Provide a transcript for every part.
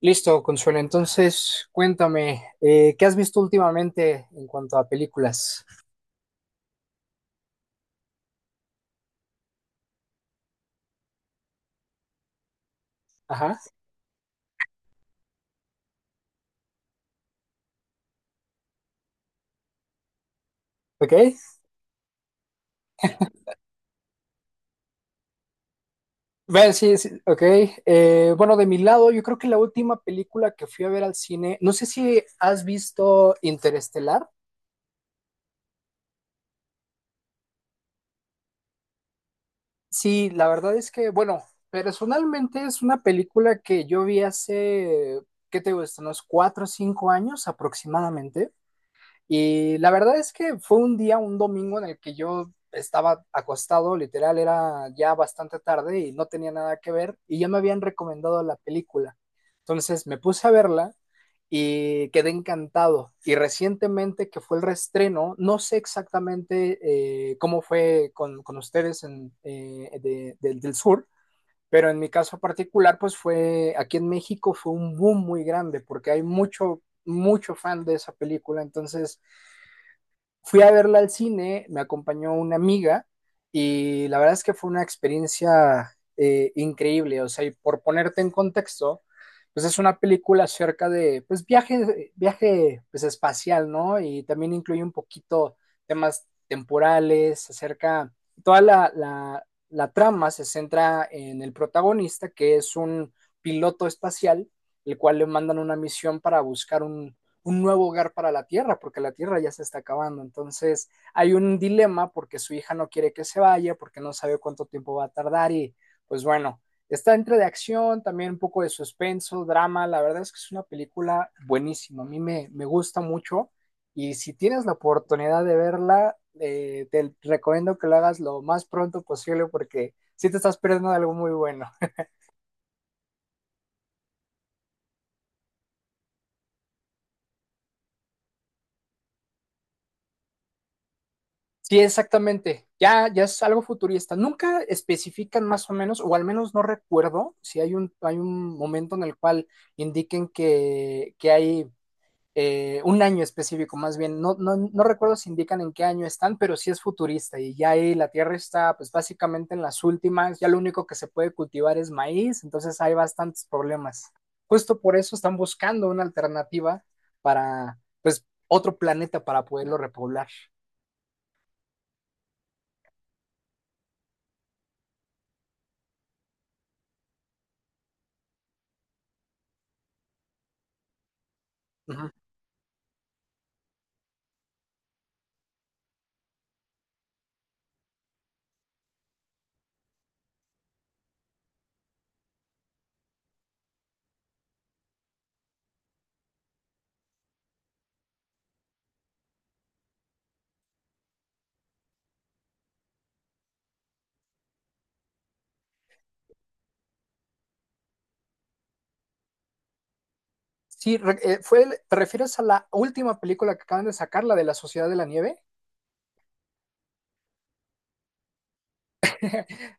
Listo, Consuelo. Entonces, cuéntame, ¿qué has visto últimamente en cuanto a películas? Ajá, ok. Bueno, sí, sí, ok. Bueno, de mi lado, yo creo que la última película que fui a ver al cine, no sé si has visto Interestelar. Sí, la verdad es que, bueno, personalmente es una película que yo vi hace, ¿qué te gusta? Unos 4 o 5 años aproximadamente. Y la verdad es que fue un día, un domingo en el que yo estaba acostado, literal, era ya bastante tarde y no tenía nada que ver y ya me habían recomendado la película. Entonces me puse a verla y quedé encantado. Y recientemente que fue el reestreno, no sé exactamente cómo fue con ustedes en, del sur, pero en mi caso particular, pues fue aquí en México fue un boom muy grande porque hay mucho, mucho fan de esa película. Entonces fui a verla al cine, me acompañó una amiga y la verdad es que fue una experiencia increíble. O sea, y por ponerte en contexto, pues es una película acerca de pues viaje pues espacial, ¿no? Y también incluye un poquito temas temporales, acerca, toda la trama se centra en el protagonista, que es un piloto espacial, el cual le mandan una misión para buscar un nuevo hogar para la Tierra, porque la Tierra ya se está acabando. Entonces hay un dilema porque su hija no quiere que se vaya, porque no sabe cuánto tiempo va a tardar y pues bueno, está entre de acción, también un poco de suspenso, drama. La verdad es que es una película buenísima, a mí me gusta mucho y si tienes la oportunidad de verla, te recomiendo que lo hagas lo más pronto posible porque si sí te estás perdiendo de algo muy bueno. Sí, exactamente. Ya, ya es algo futurista. Nunca especifican más o menos, o al menos no recuerdo si hay hay un momento en el cual indiquen que hay un año específico, más bien. No, no, no recuerdo si indican en qué año están, pero sí es futurista. Y ya ahí la tierra está, pues básicamente en las últimas. Ya lo único que se puede cultivar es maíz, entonces hay bastantes problemas. Justo por eso están buscando una alternativa para, pues, otro planeta para poderlo repoblar. Ujú. ¿Te refieres a la última película que acaban de sacar, la de la Sociedad de la Nieve?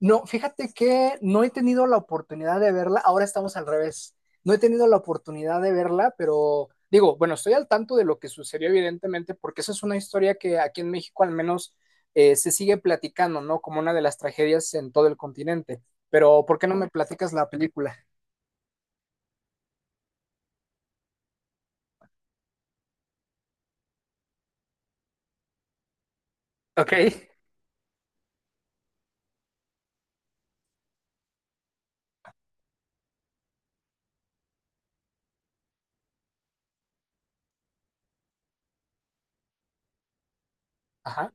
No, fíjate que no he tenido la oportunidad de verla, ahora estamos al revés. No he tenido la oportunidad de verla, pero digo, bueno, estoy al tanto de lo que sucedió evidentemente, porque esa es una historia que aquí en México al menos se sigue platicando, ¿no? Como una de las tragedias en todo el continente. Pero, ¿por qué no me platicas la película? Ok. Ajá.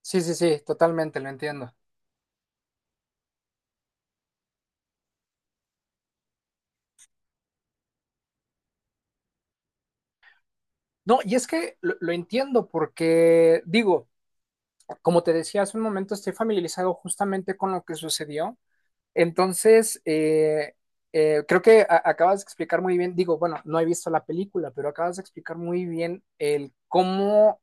Sí, sí, sí, totalmente, lo entiendo. No, y es que lo entiendo porque, digo, como te decía hace un momento, estoy familiarizado justamente con lo que sucedió. Entonces, creo que acabas de explicar muy bien, digo, bueno, no he visto la película, pero acabas de explicar muy bien el cómo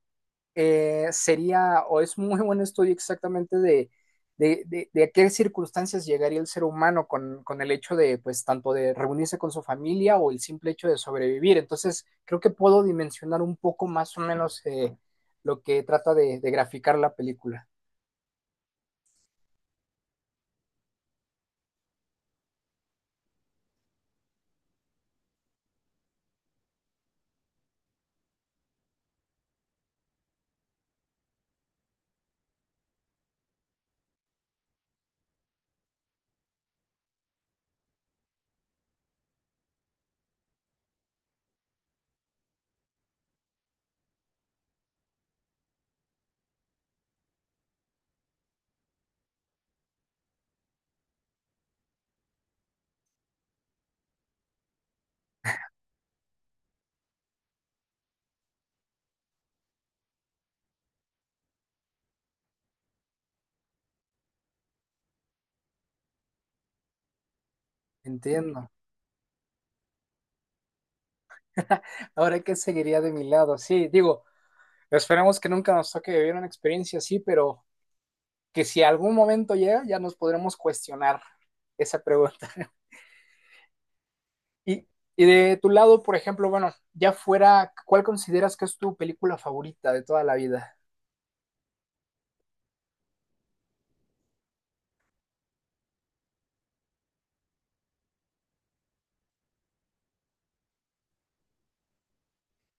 sería, o es muy buen estudio exactamente de a qué circunstancias llegaría el ser humano con el hecho de, pues, tanto de reunirse con su familia o el simple hecho de sobrevivir. Entonces, creo que puedo dimensionar un poco más o menos lo que trata de graficar la película. Entiendo. Ahora, ¿qué seguiría de mi lado? Sí, digo, esperemos que nunca nos toque vivir una experiencia así, pero que si algún momento llega, ya nos podremos cuestionar esa pregunta. Y, y de tu lado, por ejemplo, bueno, ya fuera, ¿cuál consideras que es tu película favorita de toda la vida?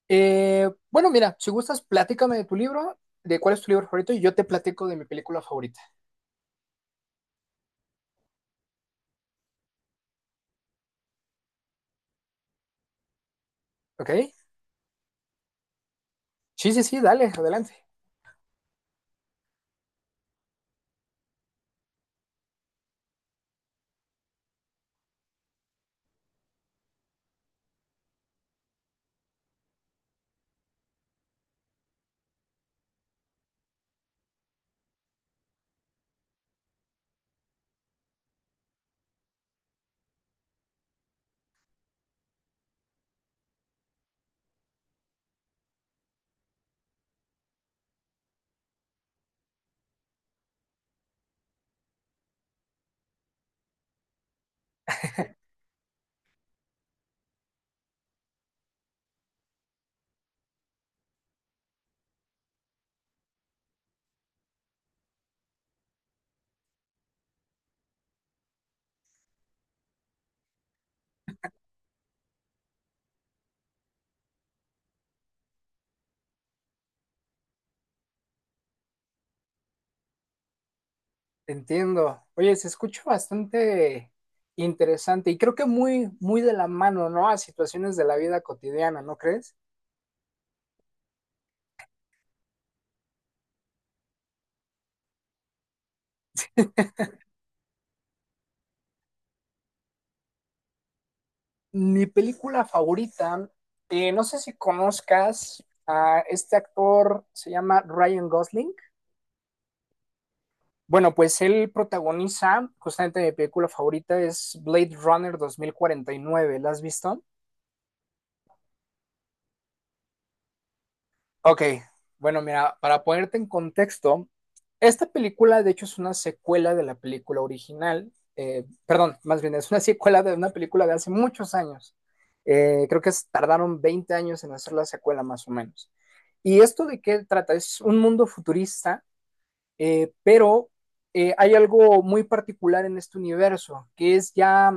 Bueno, mira, si gustas, platícame de tu libro, de cuál es tu libro favorito, y yo te platico de mi película favorita, ¿ok? Sí, sí, sí, dale, adelante. Entiendo. Oye, se escucha bastante interesante y creo que muy, muy de la mano, ¿no? A situaciones de la vida cotidiana, ¿no crees? Mi película favorita, no sé si conozcas a este actor, se llama Ryan Gosling. Bueno, pues él protagoniza, justamente mi película favorita es Blade Runner 2049. ¿La has visto? Ok, bueno, mira, para ponerte en contexto, esta película de hecho es una secuela de la película original, perdón, más bien es una secuela de una película de hace muchos años. Creo que tardaron 20 años en hacer la secuela más o menos. ¿Y esto de qué trata? Es un mundo futurista, eh, pero hay algo muy particular en este universo, que es ya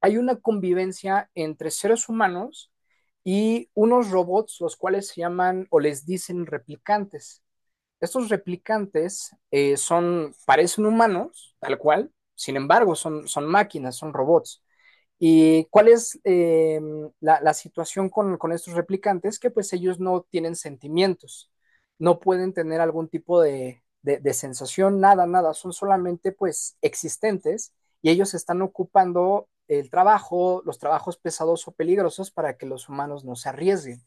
hay una convivencia entre seres humanos y unos robots, los cuales se llaman o les dicen replicantes. Estos replicantes son, parecen humanos, tal cual, sin embargo, son, son máquinas, son robots. ¿Y cuál es situación con estos replicantes? Que pues ellos no tienen sentimientos, no pueden tener algún tipo de sensación, nada, nada, son solamente pues existentes y ellos están ocupando el trabajo, los trabajos pesados o peligrosos para que los humanos no se arriesguen.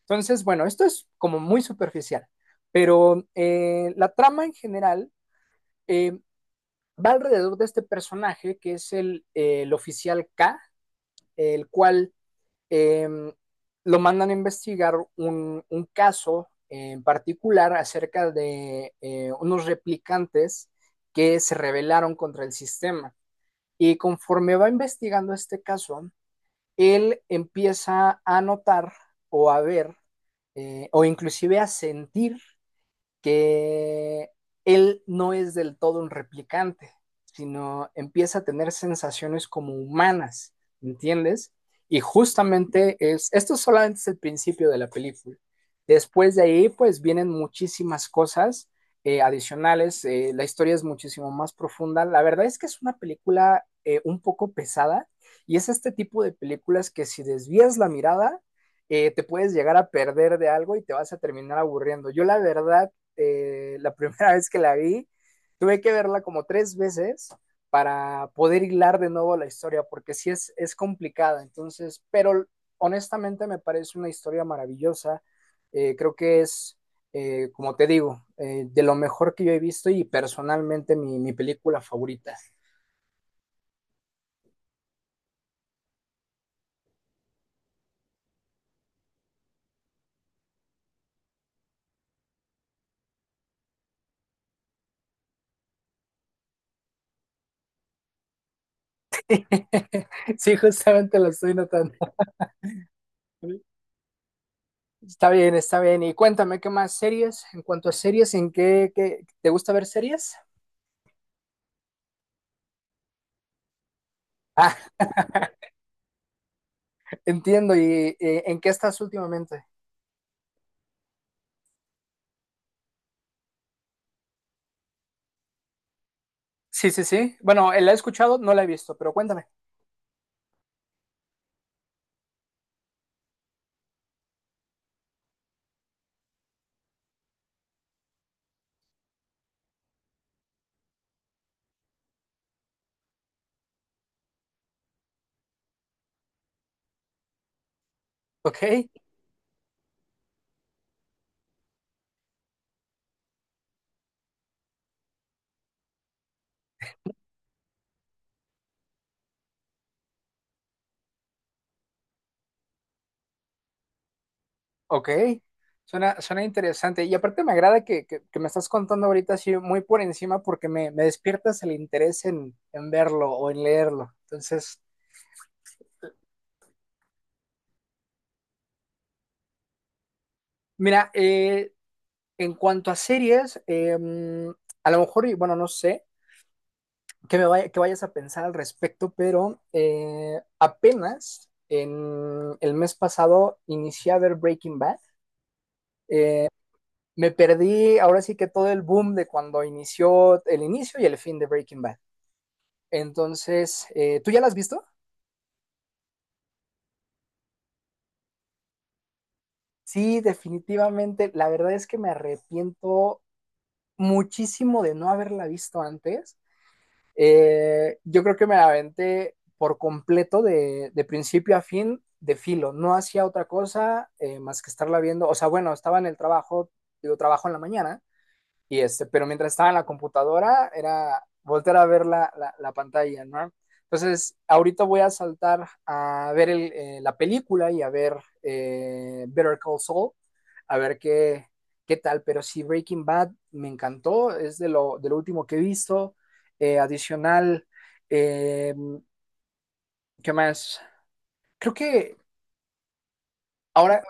Entonces, bueno, esto es como muy superficial, pero la trama en general eh, va alrededor de este personaje que es el oficial K, el cual em, lo mandan a investigar un caso en particular acerca de unos replicantes que se rebelaron contra el sistema. Y conforme va investigando este caso, él empieza a notar o a ver o inclusive a sentir que él no es del todo un replicante, sino empieza a tener sensaciones como humanas, ¿entiendes? Y justamente es, esto solamente es el principio de la película. Después de ahí, pues vienen muchísimas cosas adicionales, la historia es muchísimo más profunda. La verdad es que es una película un poco pesada y es este tipo de películas que si desvías la mirada, te puedes llegar a perder de algo y te vas a terminar aburriendo. Yo la verdad la primera vez que la vi, tuve que verla como 3 veces para poder hilar de nuevo la historia, porque sí es complicada, entonces, pero honestamente me parece una historia maravillosa, creo que como te digo, de lo mejor que yo he visto y personalmente mi película favorita. Sí, justamente lo estoy notando. Está bien, está bien. Y cuéntame, ¿qué más series? En cuanto a series, ¿te gusta ver series? Ah, entiendo. ¿Y en qué estás últimamente? Sí, sí, sí. Bueno, la he escuchado, no la he visto, pero cuéntame. Ok, ok. Suena, suena interesante. Y aparte me agrada que me estás contando ahorita así muy por encima porque me despiertas el interés en verlo o en leerlo. Entonces, mira, en cuanto a series, a lo mejor, y bueno, no sé qué vayas a pensar al respecto, pero apenas en el mes pasado inicié a ver Breaking Bad. Eh, Me perdí ahora sí que todo el boom de cuando inició el inicio y el fin de Breaking Bad. Entonces, ¿tú ya la has visto? Sí, definitivamente. La verdad es que me arrepiento muchísimo de no haberla visto antes. Yo creo que me la aventé por completo de principio a fin de filo. No hacía otra cosa más que estarla viendo. O sea, bueno, estaba en el trabajo, digo, trabajo en la mañana, y este, pero mientras estaba en la computadora, era volver a ver la pantalla, ¿no? Entonces, ahorita voy a saltar a ver la película y a ver Better Call Saul, a ver qué tal. Pero sí, Breaking Bad me encantó, es de de lo último que he visto. Adicional, eh, ¿qué más? Creo que ahora,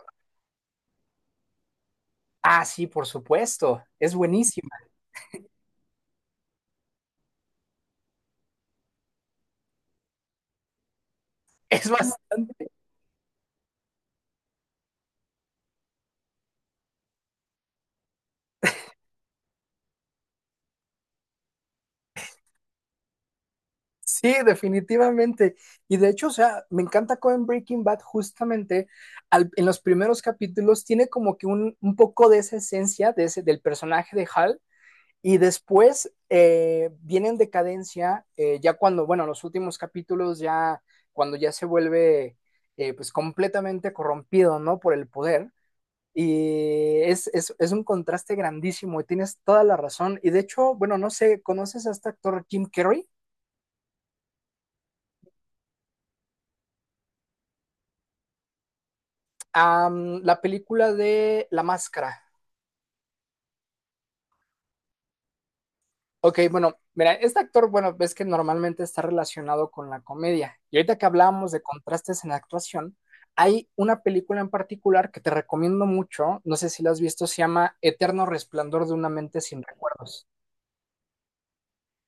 ah, sí, por supuesto, es buenísima. Es más, sí, definitivamente. Y de hecho, o sea, me encanta cómo en Breaking Bad justamente en los primeros capítulos tiene como que un poco de esa esencia de ese, del personaje de Hal y después viene en decadencia ya cuando, bueno, los últimos capítulos ya cuando ya se vuelve pues completamente corrompido, ¿no? Por el poder. Y es un contraste grandísimo y tienes toda la razón. Y de hecho, bueno, no sé, ¿conoces a este actor Jim Carrey? Um, la película de La Máscara. Ok, bueno, mira, este actor, bueno, ves que normalmente está relacionado con la comedia. Y ahorita que hablábamos de contrastes en la actuación, hay una película en particular que te recomiendo mucho, no sé si la has visto, se llama Eterno Resplandor de una mente sin recuerdos.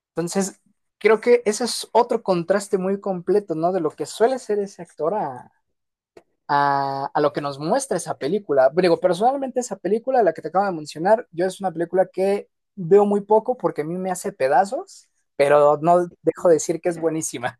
Entonces, creo que ese es otro contraste muy completo, ¿no? De lo que suele ser ese actor a, a lo que nos muestra esa película. Digo, personalmente esa película, la que te acabo de mencionar, yo es una película que veo muy poco porque a mí me hace pedazos, pero no dejo de decir que es buenísima.